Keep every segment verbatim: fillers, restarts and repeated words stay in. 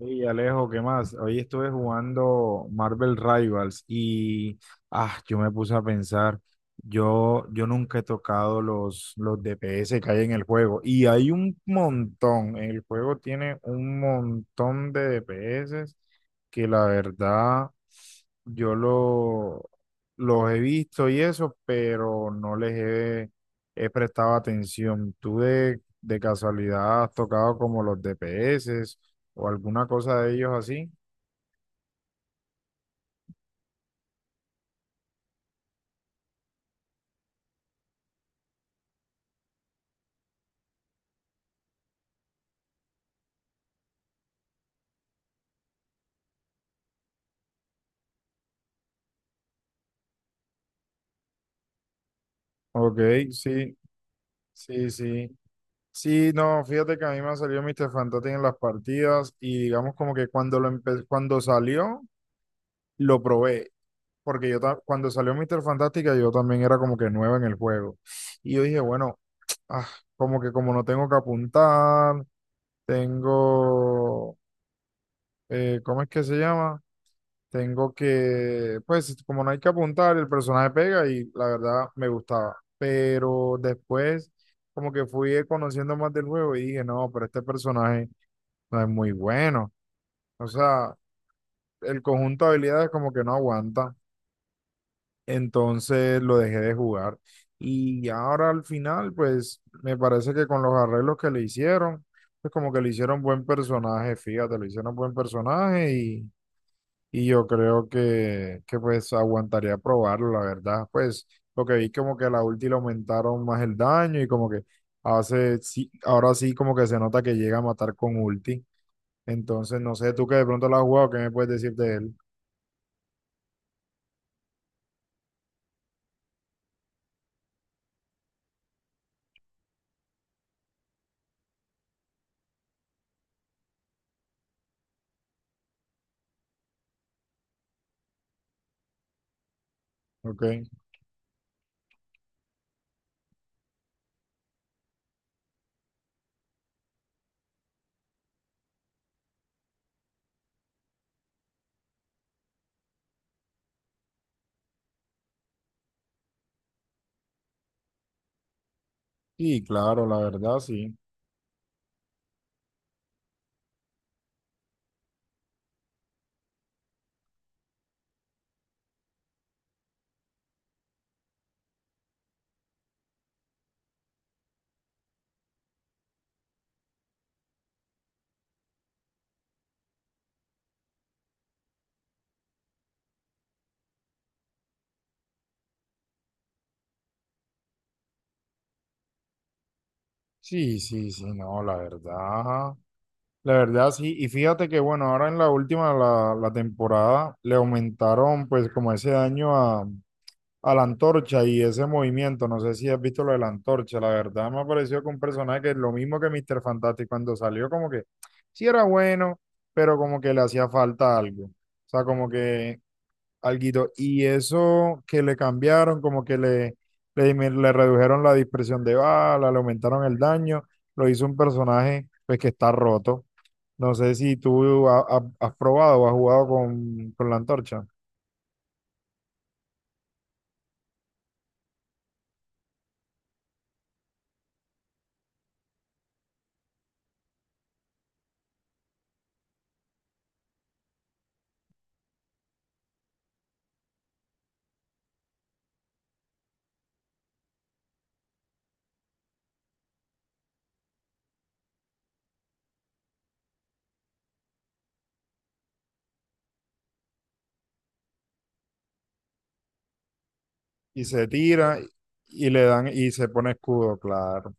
Hey Alejo, ¿qué más? Hoy estuve jugando Marvel Rivals y ah, yo me puse a pensar. Yo, yo nunca he tocado los, los D P S que hay en el juego, y hay un montón. El juego tiene un montón de D P S que la verdad yo lo, los he visto y eso, pero no les he, he prestado atención. ¿Tú de, de casualidad has tocado como los D P S o alguna cosa de ellos así? Ok. Sí, sí, sí. Sí, no, fíjate que a mí me salió salido míster Fantastic en las partidas, y digamos como que cuando lo empe- cuando salió, lo probé. Porque yo ta- cuando salió míster Fantástica yo también era como que nuevo en el juego. Y yo dije, bueno, ah, como que como no tengo que apuntar, tengo, eh, ¿cómo es que se llama? Tengo que, pues como no hay que apuntar, el personaje pega y la verdad me gustaba. Pero después como que fui eh, conociendo más del juego y dije, no, pero este personaje no es muy bueno. O sea, el conjunto de habilidades como que no aguanta. Entonces lo dejé de jugar. Y ahora al final, pues me parece que con los arreglos que le hicieron, pues como que le hicieron buen personaje, fíjate, le hicieron buen personaje y, y yo creo que, que pues aguantaría probarlo, la verdad. Pues lo que vi como que a la ulti le aumentaron más el daño y como que hace, sí, ahora sí como que se nota que llega a matar con ulti. Entonces, no sé, tú que de pronto lo has jugado, ¿qué me puedes decir de él? Ok. Y claro, la verdad, sí. Sí, sí, sí, no, la verdad, la verdad sí, y fíjate que bueno, ahora en la última, la, la temporada, le aumentaron pues como ese daño a, a la antorcha y ese movimiento, no sé si has visto lo de la antorcha, la verdad me ha parecido que un personaje que es lo mismo que míster Fantastic cuando salió, como que sí era bueno, pero como que le hacía falta algo, o sea, como que alguito. Y eso que le cambiaron, como que le, le, dimin- le redujeron la dispersión de bala, le aumentaron el daño, lo hizo un personaje pues que está roto. No sé si tú ha- ha- has probado o has jugado con, con la antorcha. Y se tira y le dan y se pone escudo, claro.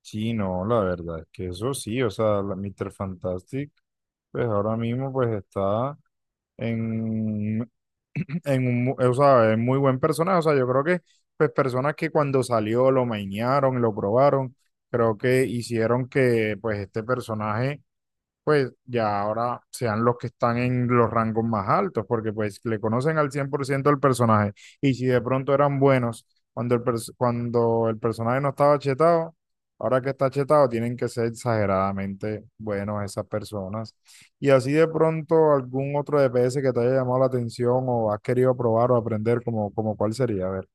Sí, no, la verdad es que eso sí, o sea, la míster Fantastic, pues ahora mismo pues está en, en un, mu- o sea, es muy buen personaje. O sea, yo creo que pues personas que cuando salió lo mainearon, lo probaron, creo que hicieron que pues este personaje pues ya ahora sean los que están en los rangos más altos, porque pues le conocen al cien por ciento el personaje. Y si de pronto eran buenos cuando el, pers- cuando el personaje no estaba chetado, ahora que está chetado tienen que ser exageradamente buenos esas personas. Y así de pronto algún otro D P S que te haya llamado la atención o has querido probar o aprender, como, como cuál sería, a ver.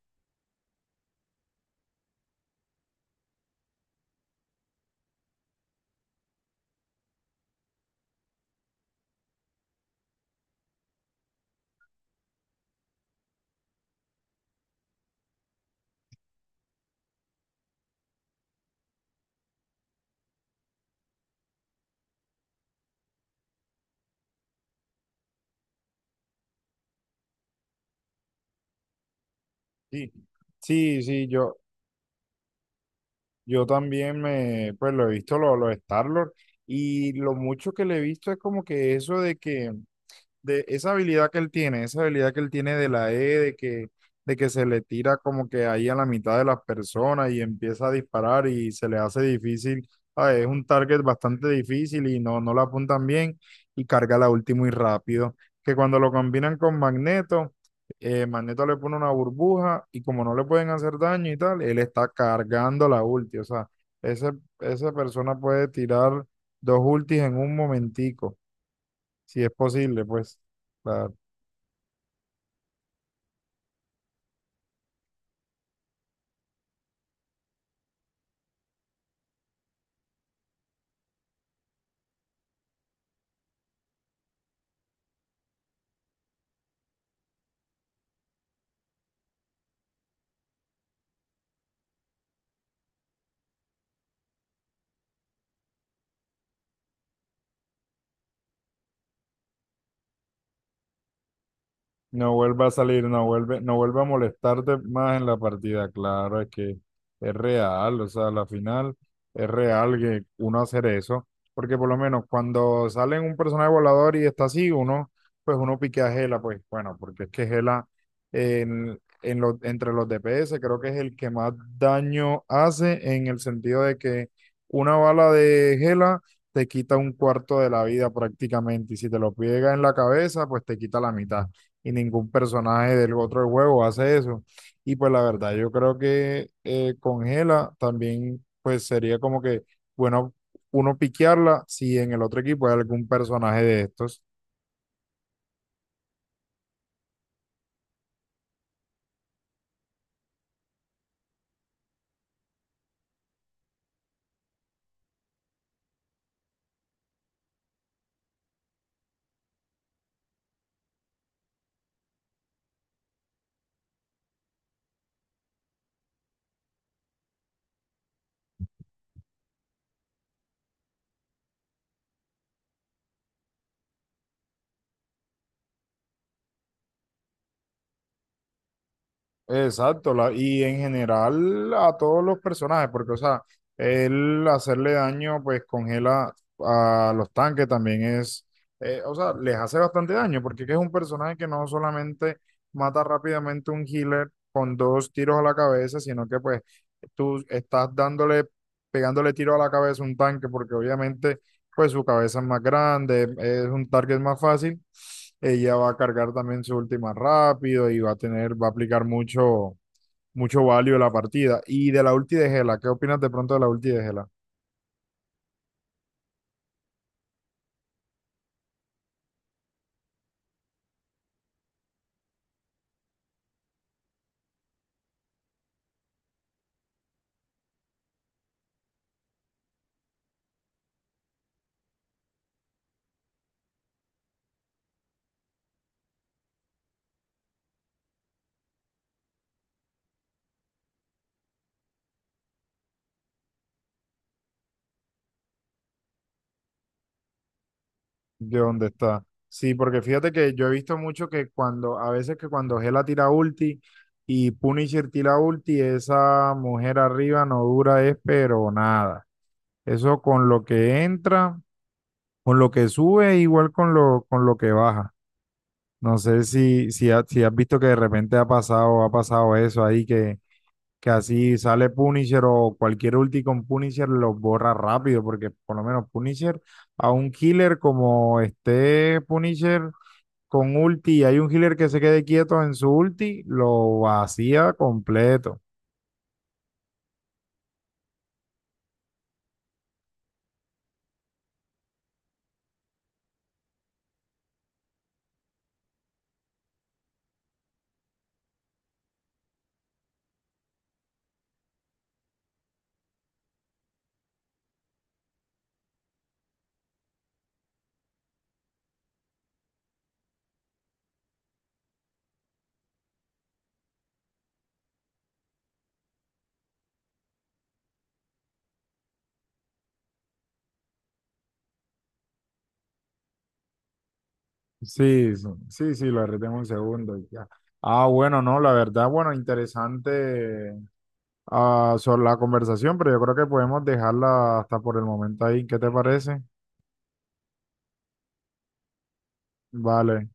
Sí, sí, sí, yo, Yo también me, pues lo he visto, lo, los Star-Lord, y lo mucho que le he visto es como que eso de que de esa habilidad que él tiene, esa habilidad que él tiene de la E, de que, de que se le tira como que ahí a la mitad de las personas y empieza a disparar y se le hace difícil, ah, es un target bastante difícil y no, no la apuntan bien y carga la ulti muy rápido, que cuando lo combinan con Magneto, eh, Magneto le pone una burbuja y como no le pueden hacer daño y tal, él está cargando la ulti, o sea, ese, esa persona puede tirar dos ultis en un momentico si es posible, pues, la, no vuelva a salir, no vuelve, no vuelve a molestarte más en la partida. Claro, es que es real, o sea, la final es real que uno hacer eso, porque por lo menos cuando sale un personaje volador y está así, uno, pues uno pique a Gela, pues bueno, porque es que Gela en, en los- entre los D P S creo que es el que más daño hace en el sentido de que una bala de Gela te quita un cuarto de la vida prácticamente, y si te lo pega en la cabeza, pues te quita la mitad y ningún personaje del otro juego hace eso. Y pues la verdad, yo creo que eh, con Gela también pues sería como que bueno, uno piquearla si en el otro equipo hay algún personaje de estos. Exacto, la- y en general a todos los personajes, porque, o sea, el hacerle daño pues congela a los tanques también es, eh, o sea, les hace bastante daño, porque es un personaje que no solamente mata rápidamente un healer con dos tiros a la cabeza, sino que pues tú estás dándole, pegándole tiro a la cabeza a un tanque, porque obviamente pues su cabeza es más grande, es un target más fácil. Ella va a cargar también su última rápido y va a tener, va a aplicar mucho, mucho value a la partida. Y de la ulti de Gela, ¿qué opinas de pronto de la ulti de Gela? ¿De dónde está? Sí, porque fíjate que yo he visto mucho que cuando, a veces que cuando Gela tira ulti y Punisher tira ulti, esa mujer arriba no dura es pero nada. Eso con lo que entra, con lo que sube, igual con lo, con lo que baja. No sé si, si, ha- si has visto que de repente ha pasado, ha pasado eso ahí, que, que así sale Punisher o cualquier ulti con Punisher lo borra rápido, porque por lo menos Punisher a un healer como esté Punisher con ulti y hay un healer que se quede quieto en su ulti, lo vacía completo. Sí, sí, sí, sí, lo retengo un segundo y ya. Ah, bueno, no, la verdad, bueno, interesante ah, sobre la conversación, pero yo creo que podemos dejarla hasta por el momento ahí. ¿Qué te parece? Vale.